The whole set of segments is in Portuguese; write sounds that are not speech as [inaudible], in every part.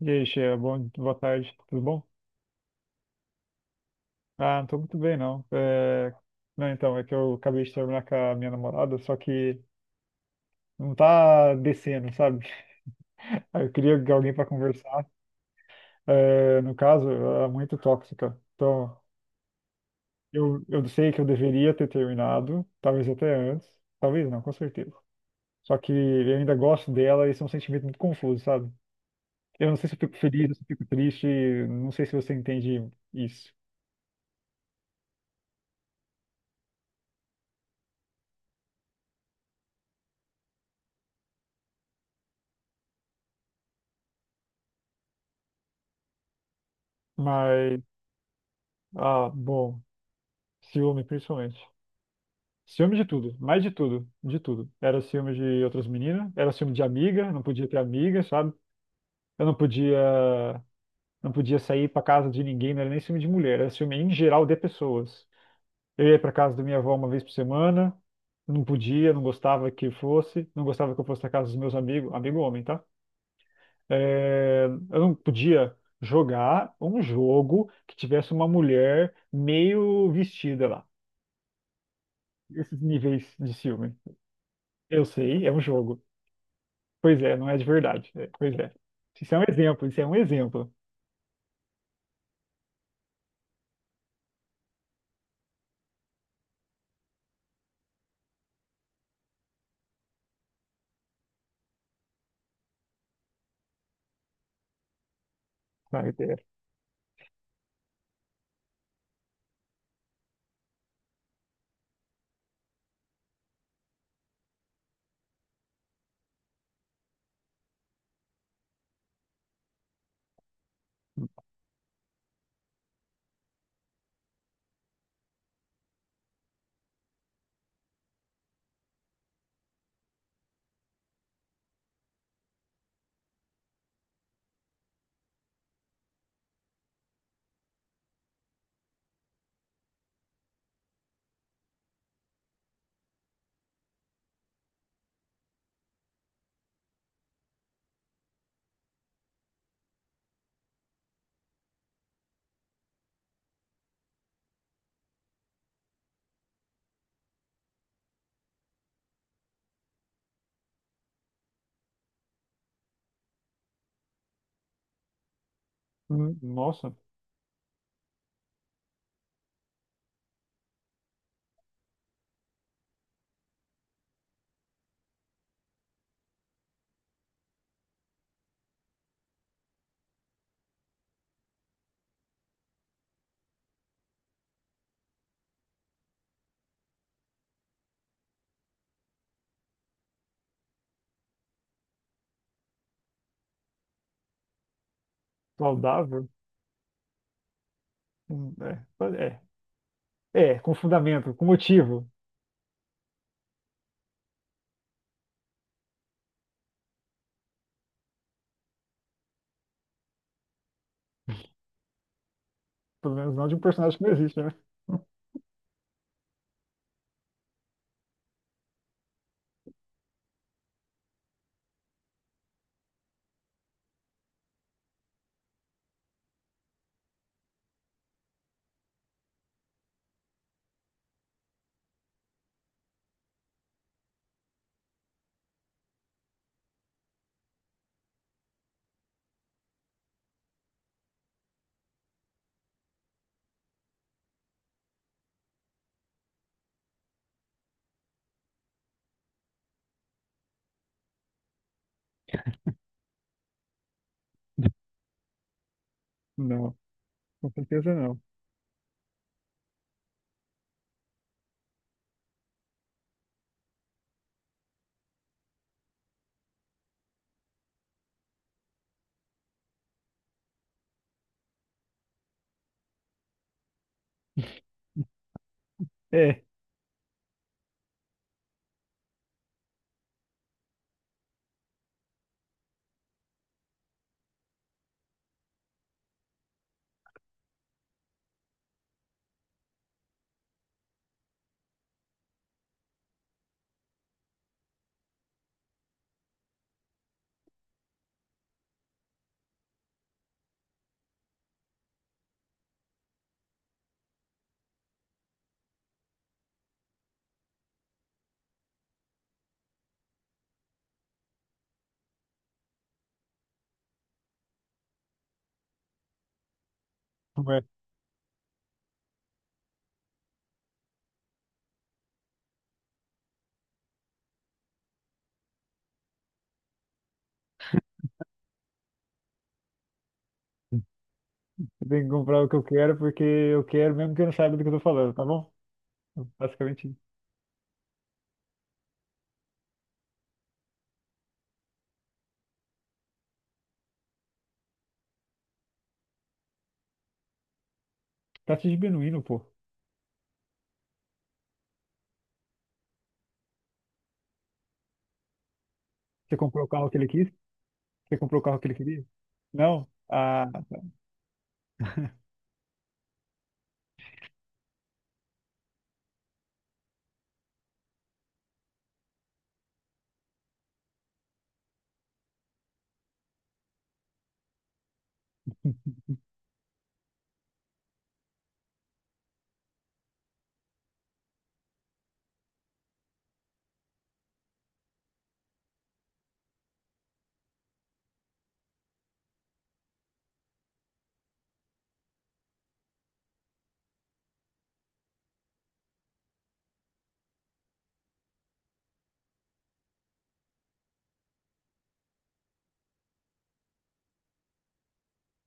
E aí, Sheila, bom, boa tarde, tudo bom? Ah, não tô muito bem, não. É, não, então, é que eu acabei de terminar com a minha namorada, só que não tá descendo, sabe? [laughs] Aí eu queria alguém pra conversar. É, no caso, ela é muito tóxica. Então, eu sei que eu deveria ter terminado, talvez até antes, talvez não, com certeza. Só que eu ainda gosto dela e isso é um sentimento muito confuso, sabe? Eu não sei se eu fico feliz, ou se eu fico triste, não sei se você entende isso. Mas, bom. Ciúme, principalmente. Ciúme de tudo, mais de tudo, de tudo. Era ciúme de outras meninas, era ciúme de amiga, não podia ter amiga, sabe? Eu não podia, não podia sair pra casa de ninguém, não era nem ciúme de mulher, era ciúme em geral de pessoas. Eu ia pra casa da minha avó uma vez por semana, não podia, não gostava que fosse, não gostava que eu fosse na casa dos meus amigos, amigo homem, tá? É, eu não podia jogar um jogo que tivesse uma mulher meio vestida lá. Esses níveis de ciúme. Eu sei, é um jogo. Pois é, não é de verdade. É, pois é. Isso é um exemplo, isso é um exemplo. Sabe? É, nossa, saudável. Hum, É, é, com fundamento, com motivo. Pelo menos não de um personagem que não existe, né? [laughs] Não, com certeza não. É, não é. Eu tenho que comprar o que eu quero porque eu quero mesmo que eu não saiba do que eu tô falando, tá bom? Basicamente, isso. Tá se diminuindo, pô. Você comprou o carro que ele quis? Você comprou o carro que ele queria? Não? Ah,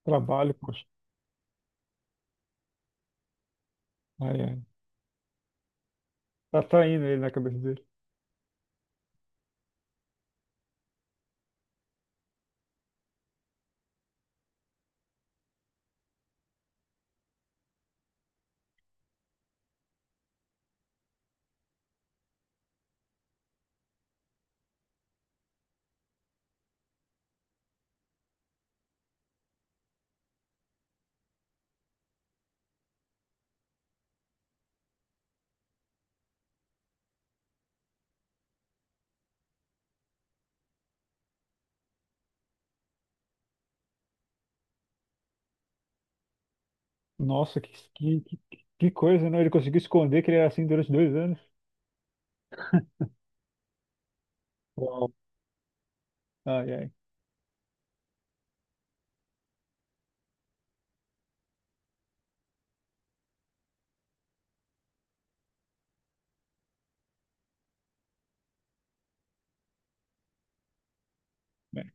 trabalho, poxa. Ai, ai. Tá saindo ele na cabeça dele. Nossa, que coisa, né? Ele conseguiu esconder que ele era assim durante 2 anos. Uau. Ai, ai. Bem,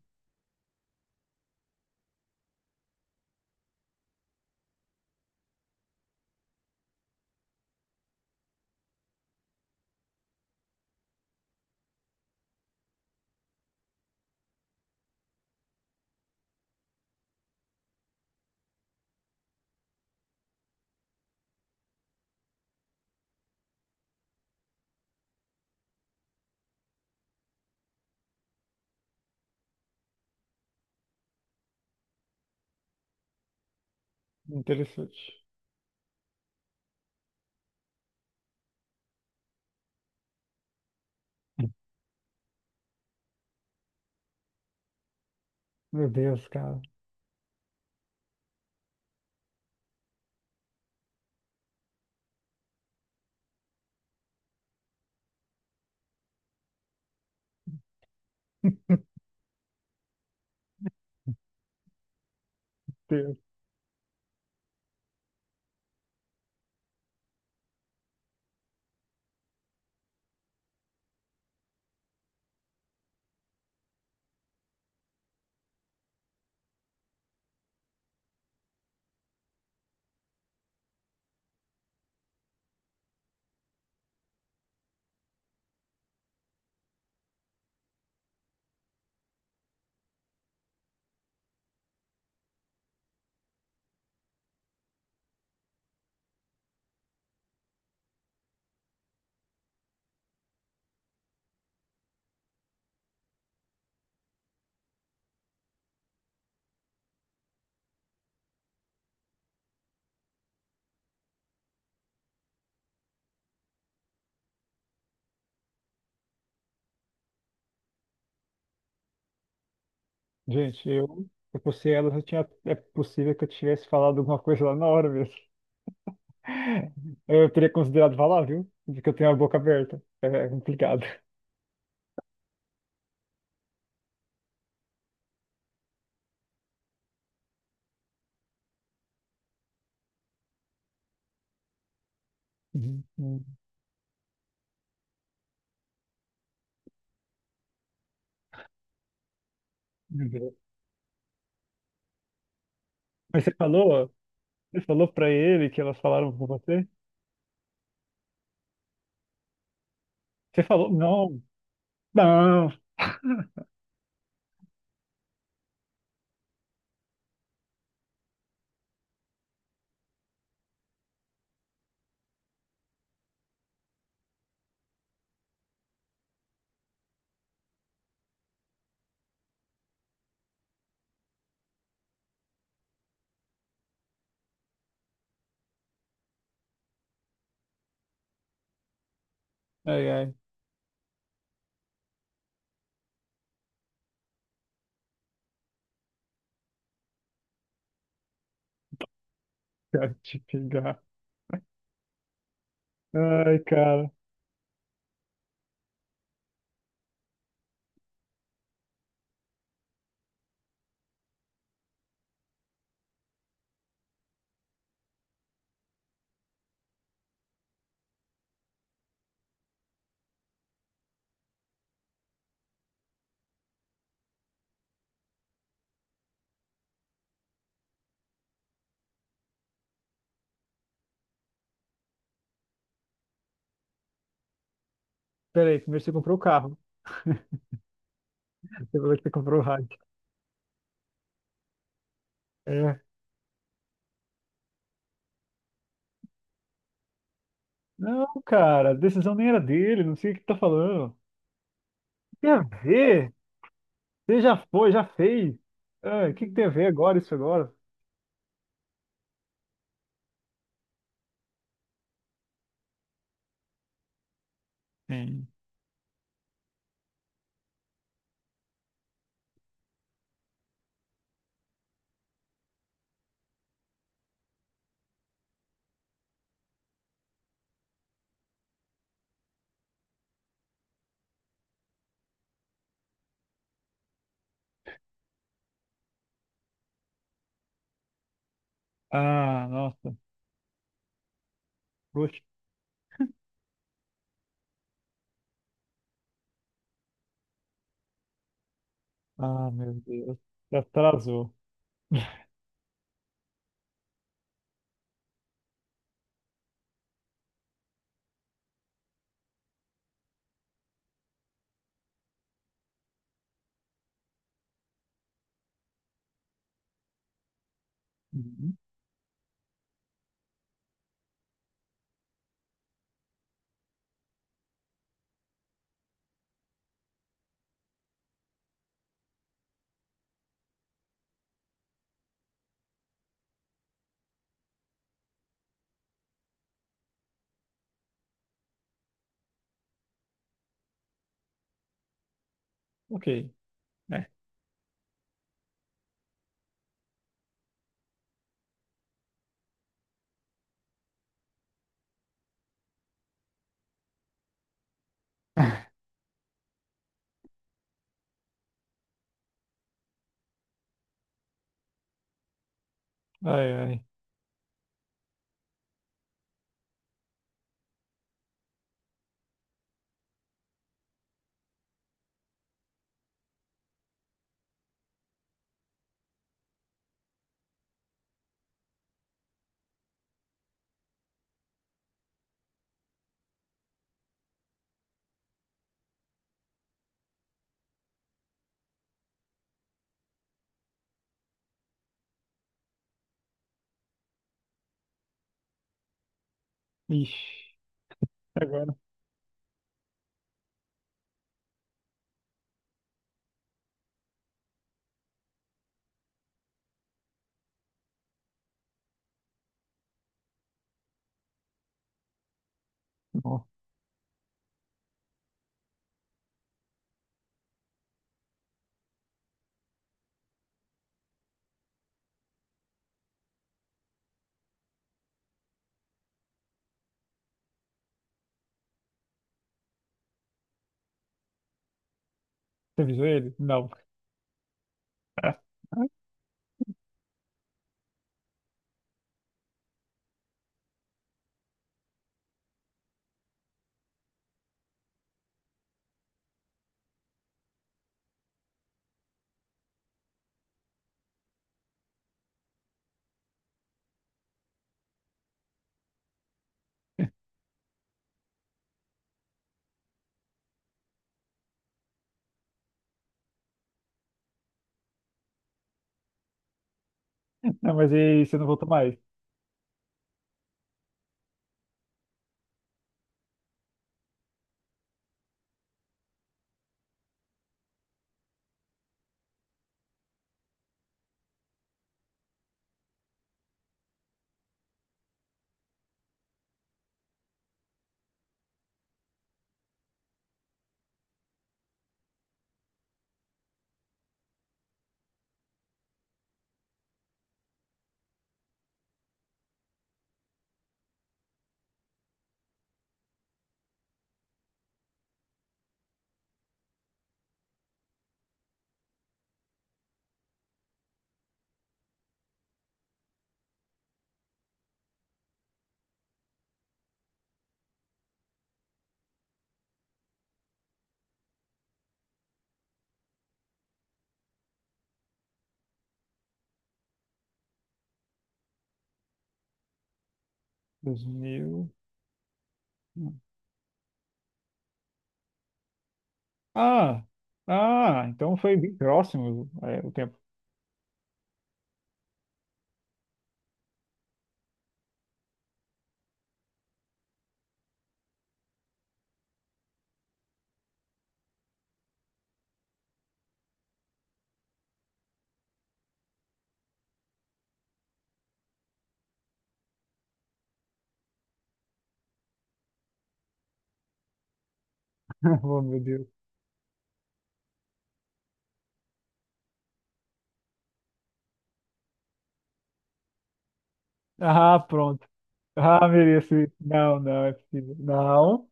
interessante. Meu Deus, cara. Deus. Gente, se eu fosse ela, eu tinha, é possível que eu tivesse falado alguma coisa lá na hora mesmo. [laughs] Eu teria considerado falar, viu? Porque eu tenho a boca aberta. É complicado. Uhum, uhum. Meu Deus. Mas você falou pra ele que elas falaram com você? Você falou, não, não. Ai, ai, quero te pegar. Ai, cara. Peraí, primeiro você comprou o carro. Você falou que você comprou o rádio. É. Não, cara, a decisão nem era dele, não sei o que tá falando. Tem a ver? Você já foi, já fez. Ah, o que que tem a ver agora, isso agora? Sim. Ah, nossa. Poxa. Ah, meu Deus. Já atrasou. Uhum. Ok. É. Ai, ai. Ixi, agora. Ó, você avisou ele? Não. [laughs] Não, mas e aí, você não voltou mais? 2000. Ah! Ah, então foi bem próximo, é, o tempo. [laughs] Oh, meu Deus. Ah, pronto. Ah, mereço isso. Não, não, é possível. Não.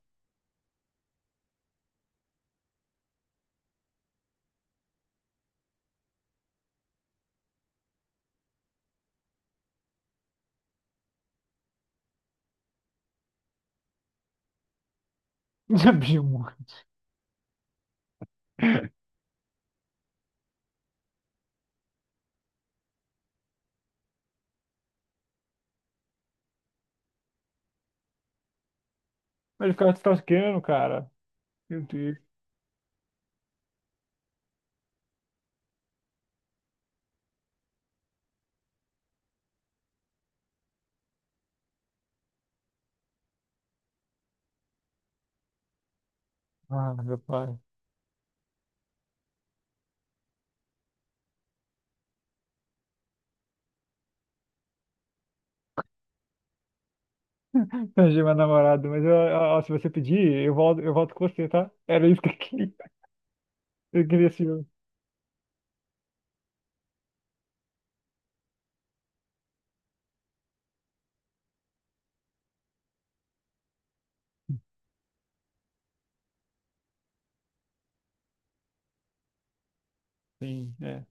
[laughs] Já vi um. Mas o cara tá tosqueando, cara. Meu Deus. Ah, meu pai. Perdi meu namorado, mas ó, se você pedir, eu volto com você, tá? Era isso que eu queria. Eu queria esse jogo. Sim, é.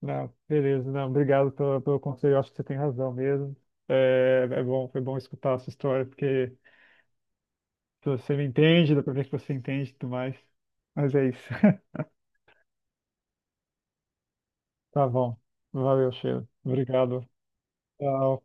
Não, beleza. Não, obrigado pelo conselho. Eu acho que você tem razão mesmo. É, é bom, foi bom escutar a sua história, porque se você me entende, dá pra ver que você entende e tudo mais. Mas é isso. [laughs] Tá bom. Valeu, Sheila. Obrigado. Tchau.